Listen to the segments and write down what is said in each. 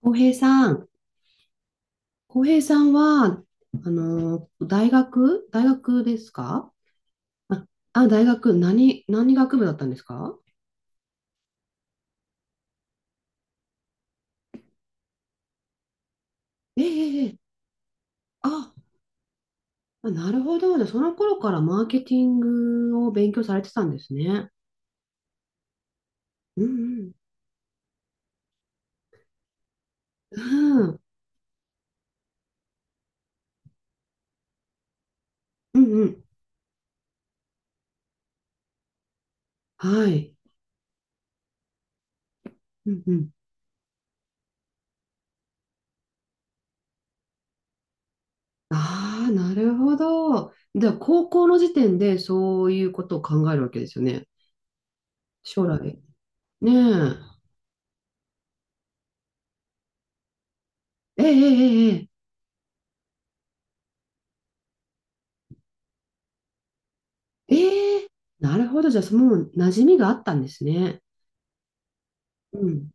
浩平さん、浩平さんは、あの、大学ですか？あ、あ、大学、何学部だったんですか？ええええ、あ、なるほど。じゃあ、その頃からマーケティングを勉強されてたんですね。うんうん。うん、うんうん。はい。うんうん。ああ、なるほど。じゃあ、高校の時点でそういうことを考えるわけですよね。将来。ねえ。えええええええ、なるほど。じゃあ、もう馴染みがあったんですね。うん。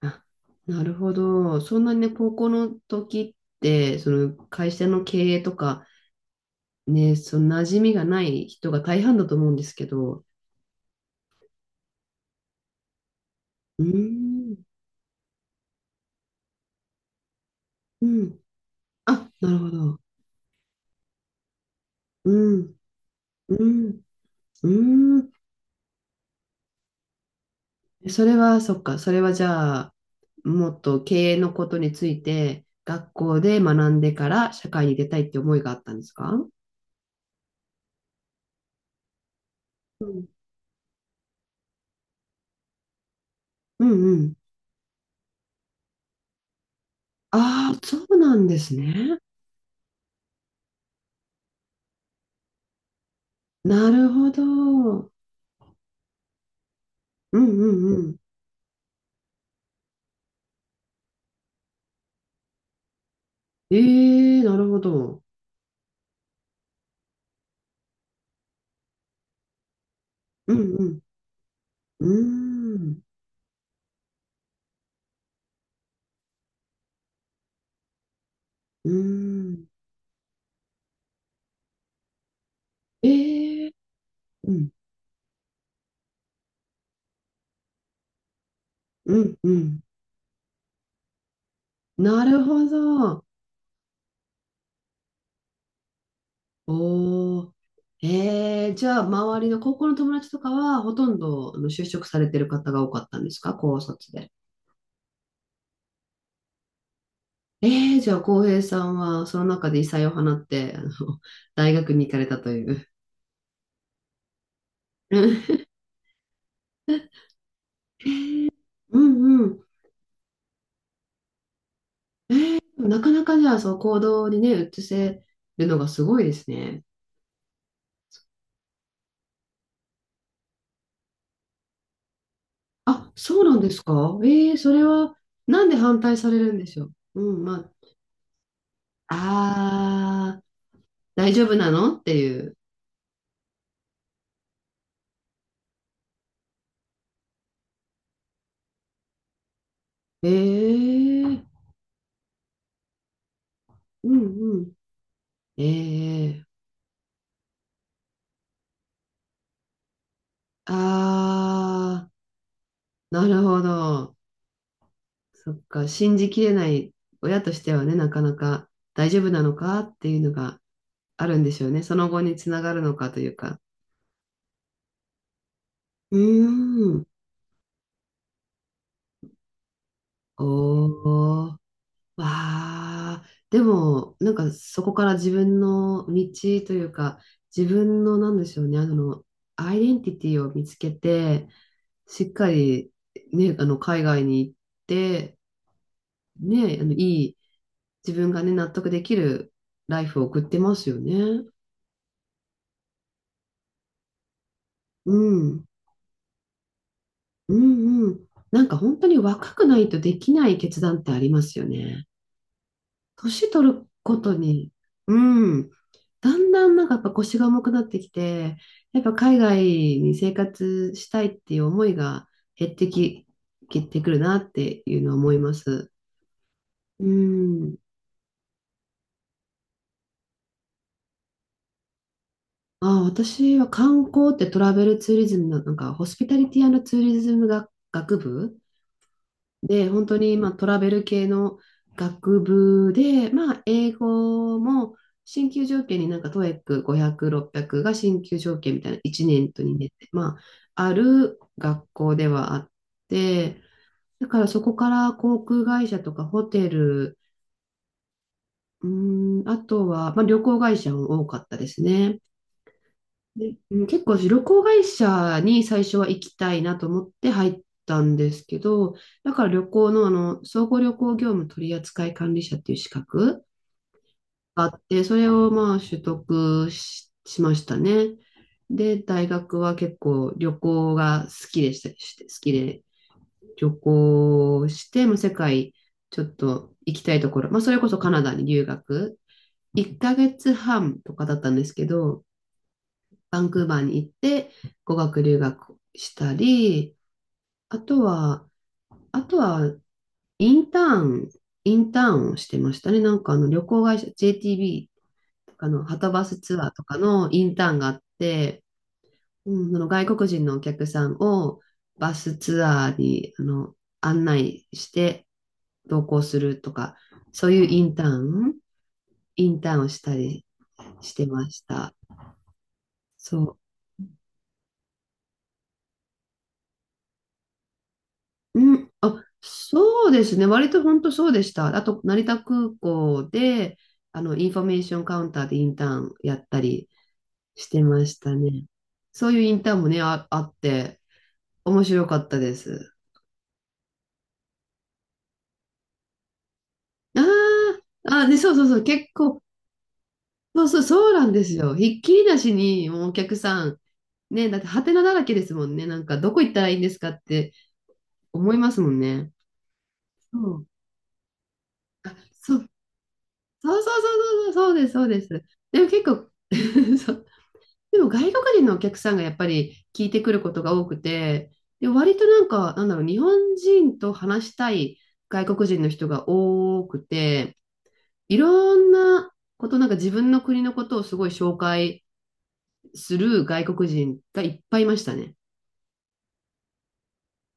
あ、なるほど。そんなにね、高校の時って、その会社の経営とか、ね、その馴染みがない人が大半だと思うんですけど。うーん。うん。あ、なるほど。うん。うん。うん。それは、そっか。それはじゃあ、もっと経営のことについて、学校で学んでから社会に出たいって思いがあったんですか？うん。うんうん。ああ、そうなんですね。なるほど。うんうんうん。ええ、なるほど。うんうん。うーん。うーん。ええ、うんうんうん。なるほど。おお。ええ、じゃあ、周りの高校の友達とかは、ほとんどあの就職されてる方が多かったんですか、高卒で？ええ、じゃあ、浩平さんは、その中で異彩を放って、あの、大学に行かれたという。うんうん、なかなかじゃあ、その行動にね、移せるのがすごいですね。あ、そうなんですか？ええ、それは、なんで反対されるんでしょう。うん、まあ、あー、大丈夫なのっていう。ええ、うんうん。ええ、あー、なるほど。そっか、信じきれない親としてはね、なかなか大丈夫なのかっていうのがあるんでしょうね。その後につながるのかというか。うーん。おー。わあ、でも、なんかそこから自分の道というか、自分のなんでしょうね、あの、アイデンティティを見つけて、しっかり、ね、あの、海外に行って、ね、あの、いい、自分がね、納得できるライフを送ってますよね。うん、うん、うん。なんか本当に若くないとできない決断ってありますよね。年取ることに、うん、だんだんなんかやっぱ腰が重くなってきて、やっぱ海外に生活したいっていう思いが減ってき、減ってくるなっていうのは思います。うん。あ、私は観光ってトラベルツーリズムの、なんかホスピタリティツーリズム学部で、本当に、まあ、トラベル系の学部で、まあ、英語も進級条件になんか TOEIC 500、600が進級条件みたいな1年と2年で、まあ、ある学校ではあって、だからそこから航空会社とかホテル、うーん、あとは、まあ、旅行会社も多かったですね。で、うん、結構旅行会社に最初は行きたいなと思って入ったんですけど、だから旅行のあの、総合旅行業務取扱管理者っていう資格があって、それをまあ取得し、しましたね。で、大学は結構旅行が好きでした、して好きで旅行して、まあ、世界ちょっと行きたいところ、まあ、それこそカナダに留学、1ヶ月半とかだったんですけど、バンクーバーに行って語学留学したり、あとは、あとはインターン、インターンをしてましたね。なんかあの旅行会社 JTB とかのはたバスツアーとかのインターンがあって、うん、その外国人のお客さんをバスツアーにあの案内して同行するとか、そういうインターンをしたりしてました。そう。うん、あ、そうですね。割と本当そうでした。あと、成田空港で、あの、インフォメーションカウンターでインターンやったりしてましたね。そういうインターンもね、あって、面白かったです。ああ、あ、ね、そうそうそう、結構、そうそう、そうなんですよ。ひっきりなしに、もうお客さん、ね、だって、ハテナだらけですもんね。なんか、どこ行ったらいいんですかって思いますもんね。そう、そう、そうそうそうそう、そうです、そうです。でも結構、そうでも外国人のお客さんがやっぱり聞いてくることが多くて、で、割となんか、なんだろう、日本人と話したい外国人の人が多くて、いろんなこと、なんか自分の国のことをすごい紹介する外国人がいっぱいいましたね。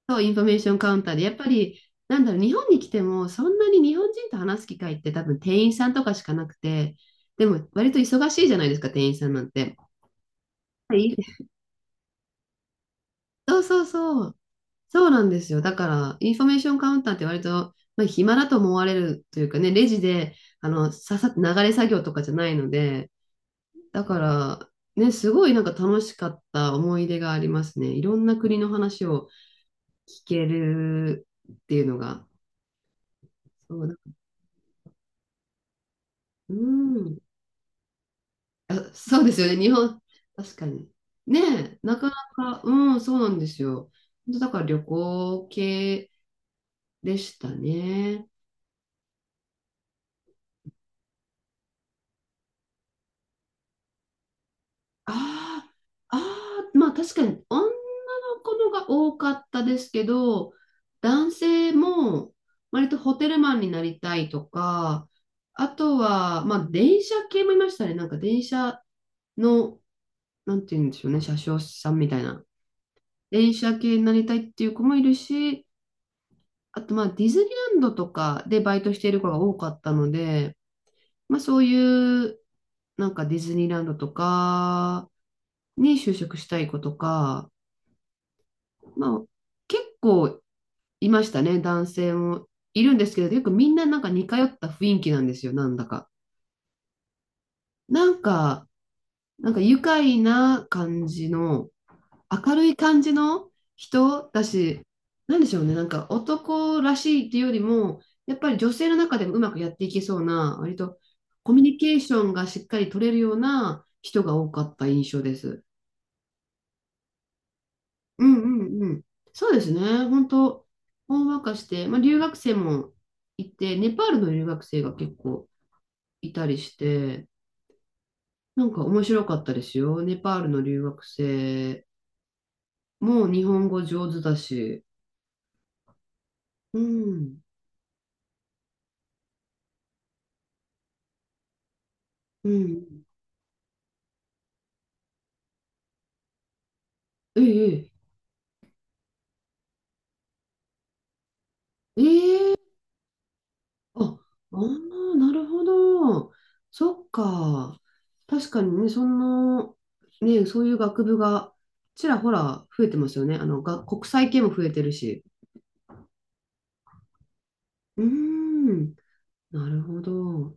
そう、インフォメーションカウンターで、やっぱり、なんだろう、日本に来てもそんなに日本人と話す機会って多分店員さんとかしかなくて、でも割と忙しいじゃないですか、店員さんなんて。はい、そうそうそう。そうなんですよ。だから、インフォメーションカウンターって割と、まあ、暇だと思われるというかね、レジで、あの、ささ、流れ作業とかじゃないので、だから、ね、すごいなんか楽しかった思い出がありますね。いろんな国の話を聞けるっていうのが。そうだ、うん。あ、そうですよね。日本、確かに。ねえ、なかなか、うん、そうなんですよ。本当だから旅行系でしたね。ああ、ああ、まあ確かに女の子のが多かったですけど、男性も割とホテルマンになりたいとか、あとは、まあ電車系もいましたね。なんか電車の、なんて言うんでしょうね、車掌さんみたいな。電車系になりたいっていう子もいるし、あとまあディズニーランドとかでバイトしている子が多かったので、まあそういう、なんかディズニーランドとかに就職したい子とか、まあ、結構いましたね、男性も。いるんですけど、よくみんななんか似通った雰囲気なんですよ、なんだか。なんか、なんか愉快な感じの、明るい感じの人だし、なんでしょうね、なんか男らしいっていうよりも、やっぱり女性の中でもうまくやっていけそうな、割とコミュニケーションがしっかり取れるような人が多かった印象です。うんうんうん。そうですね。本当、ほんわかして、まあ、留学生もいて、ネパールの留学生が結構いたりして、なんか面白かったですよ。ネパールの留学生も日本語上手だし。うん、うん。ええ、ええ、あ、あーなるほど。そっか。確かにね、その、ね、そういう学部がちらほら増えてますよね。あの、が、国際系も増えてるし。うーん、なるほど。